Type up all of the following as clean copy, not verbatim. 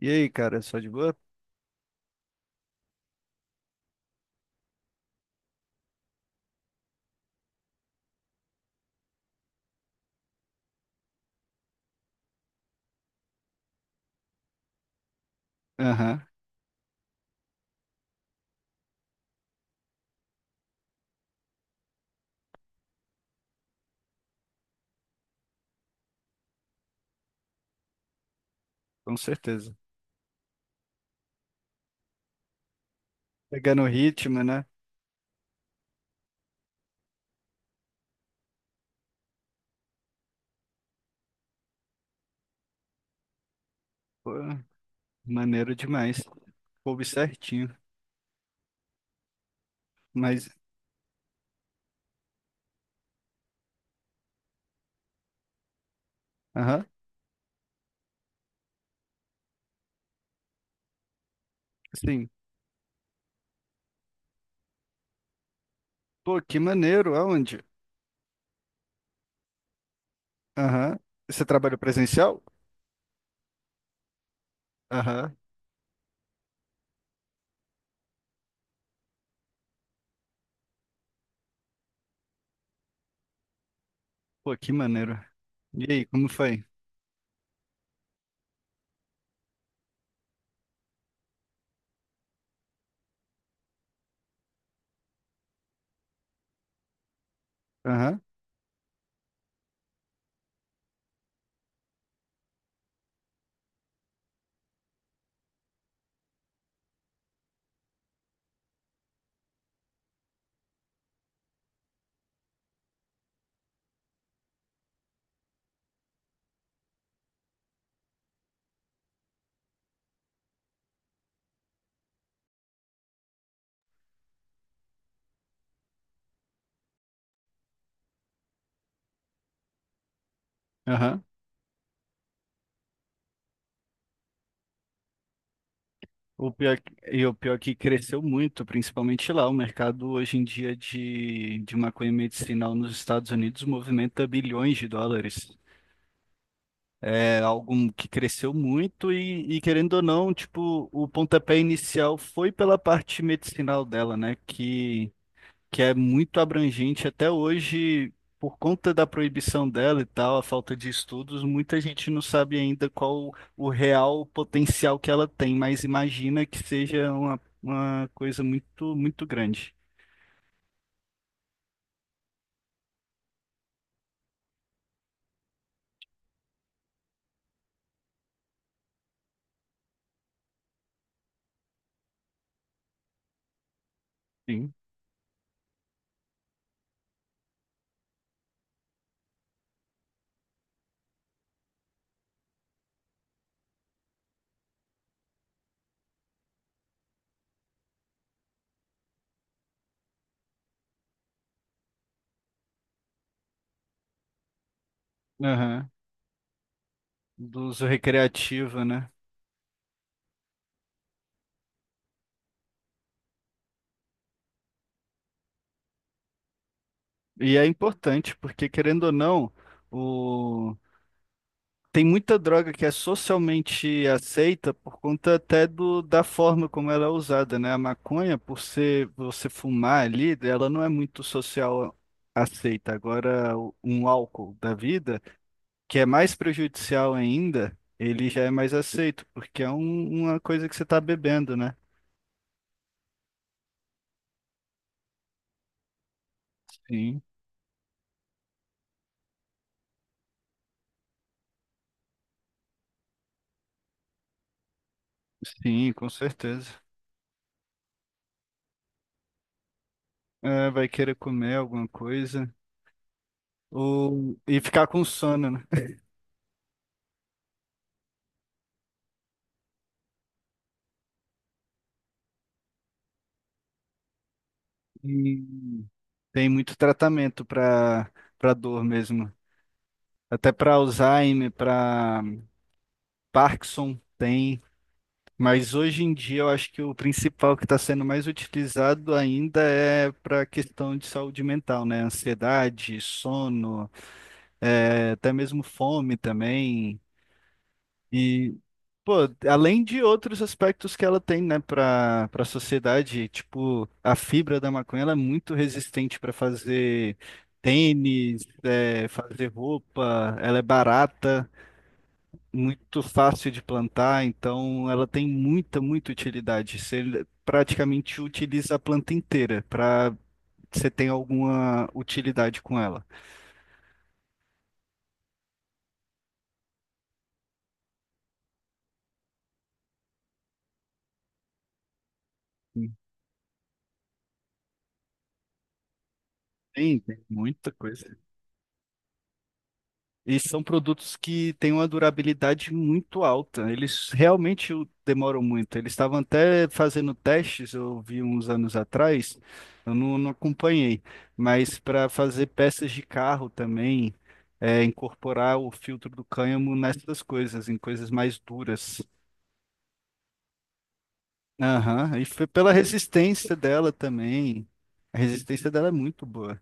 E aí, cara, só de boa? Aham, com certeza. Pegando o ritmo, né? Pô, maneiro demais. Coube certinho. Mas, aham, sim. Pô, que maneiro, aonde? Aham. Você trabalha presencial? Aham. Pô, que maneiro. E aí, como foi? Aham, aham. O pior, o pior que cresceu muito, principalmente lá. O mercado hoje em dia de maconha medicinal nos Estados Unidos movimenta bilhões de dólares. É algo que cresceu muito e, querendo ou não, tipo, o pontapé inicial foi pela parte medicinal dela, né? Que é muito abrangente até hoje, por conta da proibição dela e tal, a falta de estudos, muita gente não sabe ainda qual o real potencial que ela tem, mas imagina que seja uma coisa muito, muito grande. Sim. Aham. Do uso recreativo, né? E é importante, porque querendo ou não, o tem muita droga que é socialmente aceita por conta até da forma como ela é usada, né? A maconha, por ser você fumar ali, ela não é muito social aceita. Agora, um álcool da vida, que é mais prejudicial ainda, ele já é mais aceito, porque é uma coisa que você está bebendo, né? Sim, sim, com certeza. É, vai querer comer alguma coisa ou e ficar com sono, né? Tem muito tratamento para para dor mesmo. Até para Alzheimer, para Parkinson tem. Mas hoje em dia eu acho que o principal que está sendo mais utilizado ainda é para a questão de saúde mental, né? Ansiedade, sono, até mesmo fome também. E pô, além de outros aspectos que ela tem, né, para para a sociedade, tipo, a fibra da maconha, ela é muito resistente para fazer tênis, é, fazer roupa, ela é barata, muito fácil de plantar, então ela tem muita, muita utilidade. Você praticamente utiliza a planta inteira para você ter alguma utilidade com ela. Tem, tem muita coisa. E são produtos que têm uma durabilidade muito alta. Eles realmente demoram muito. Eles estavam até fazendo testes, eu vi uns anos atrás, eu não, não acompanhei, mas para fazer peças de carro também, é, incorporar o filtro do cânhamo nessas coisas, em coisas mais duras. Aham, e foi pela resistência dela também. A resistência dela é muito boa.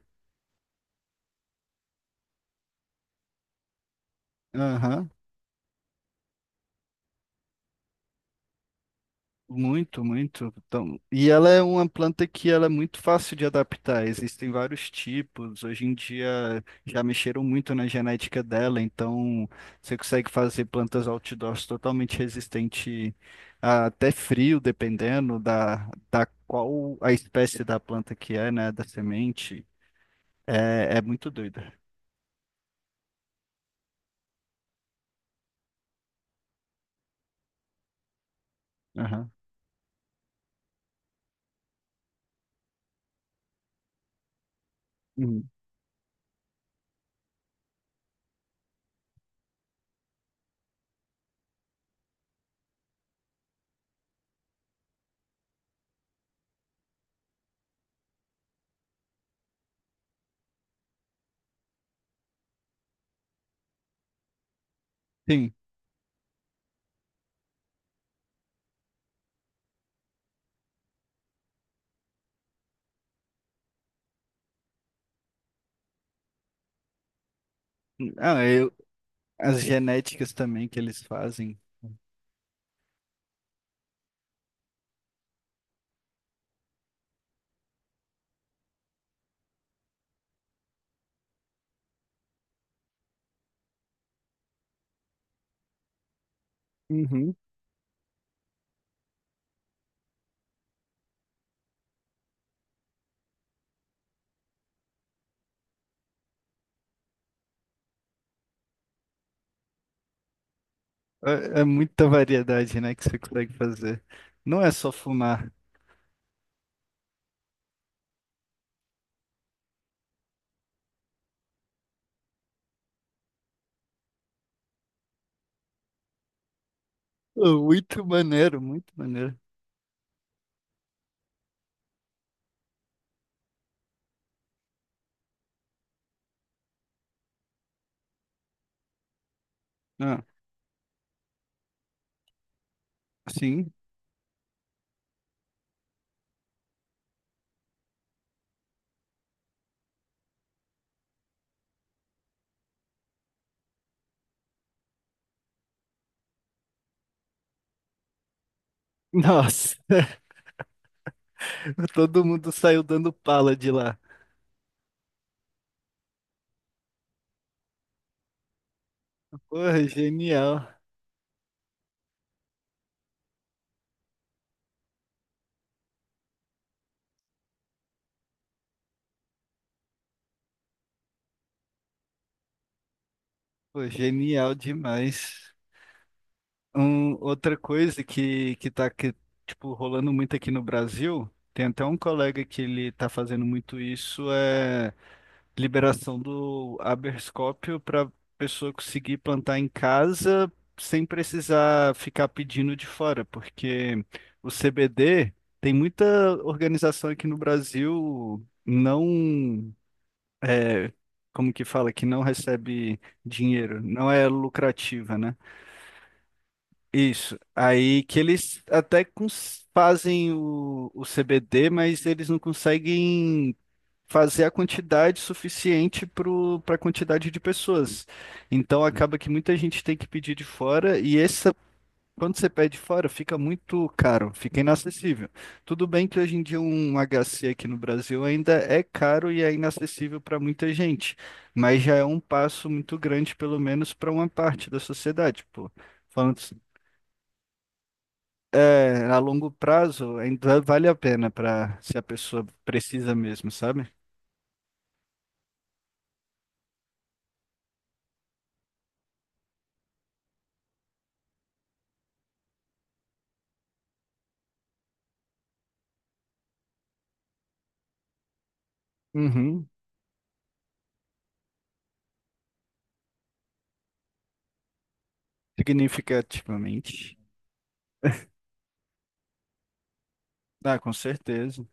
Aham. Muito, muito. Então, e ela é uma planta que ela é muito fácil de adaptar. Existem vários tipos. Hoje em dia já mexeram muito na genética dela, então você consegue fazer plantas outdoors totalmente resistente a até frio, dependendo da qual a espécie da planta que é, né? Da semente. É, é muito doida. Aham. Uhum. Sim. Ah, eu, as genéticas também que eles fazem. Uhum. É, é muita variedade, né, que você consegue fazer. Não é só fumar. Pô, muito maneiro, muito maneiro. Ah, sim. Nossa, todo mundo saiu dando pala de lá. Porra, genial. Pô, genial demais. Um, outra coisa tipo, rolando muito aqui no Brasil, tem até um colega que ele tá fazendo muito isso, é liberação do Aberscópio para pessoa conseguir plantar em casa sem precisar ficar pedindo de fora, porque o CBD tem muita organização aqui no Brasil não é, como que fala, que não recebe dinheiro, não é lucrativa, né? Isso. Aí que eles fazem o CBD, mas eles não conseguem fazer a quantidade suficiente para a quantidade de pessoas. Então acaba que muita gente tem que pedir de fora e essa, quando você pede fora, fica muito caro, fica inacessível. Tudo bem que hoje em dia um HC aqui no Brasil ainda é caro e é inacessível para muita gente, mas já é um passo muito grande, pelo menos para uma parte da sociedade, pô. Falando é, a longo prazo ainda vale a pena para se a pessoa precisa mesmo, sabe? Uhum. Significativamente. Ah, com certeza.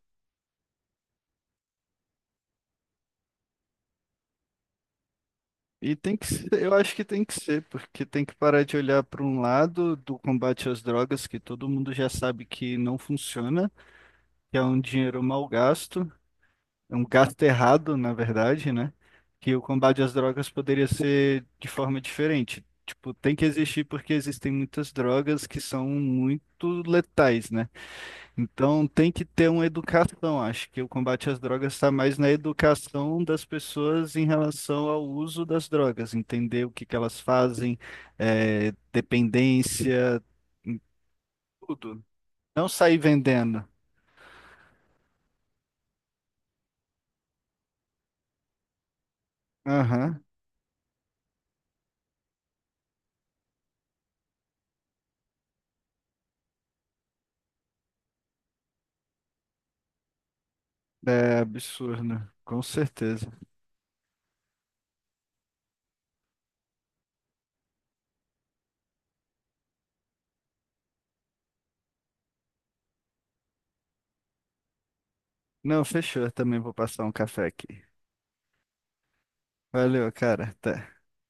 E tem que ser, eu acho que tem que ser, porque tem que parar de olhar para um lado do combate às drogas, que todo mundo já sabe que não funciona, que é um dinheiro mal gasto, é um gasto errado, na verdade, né? Que o combate às drogas poderia ser de forma diferente. Tipo, tem que existir porque existem muitas drogas que são muito letais, né? Então tem que ter uma educação. Acho que o combate às drogas está mais na educação das pessoas em relação ao uso das drogas, entender o que que elas fazem, eh, dependência, em tudo. Não sair vendendo. Aham, é absurdo, com certeza. Não, fechou. Eu também vou passar um café aqui. Valeu, cara. Até.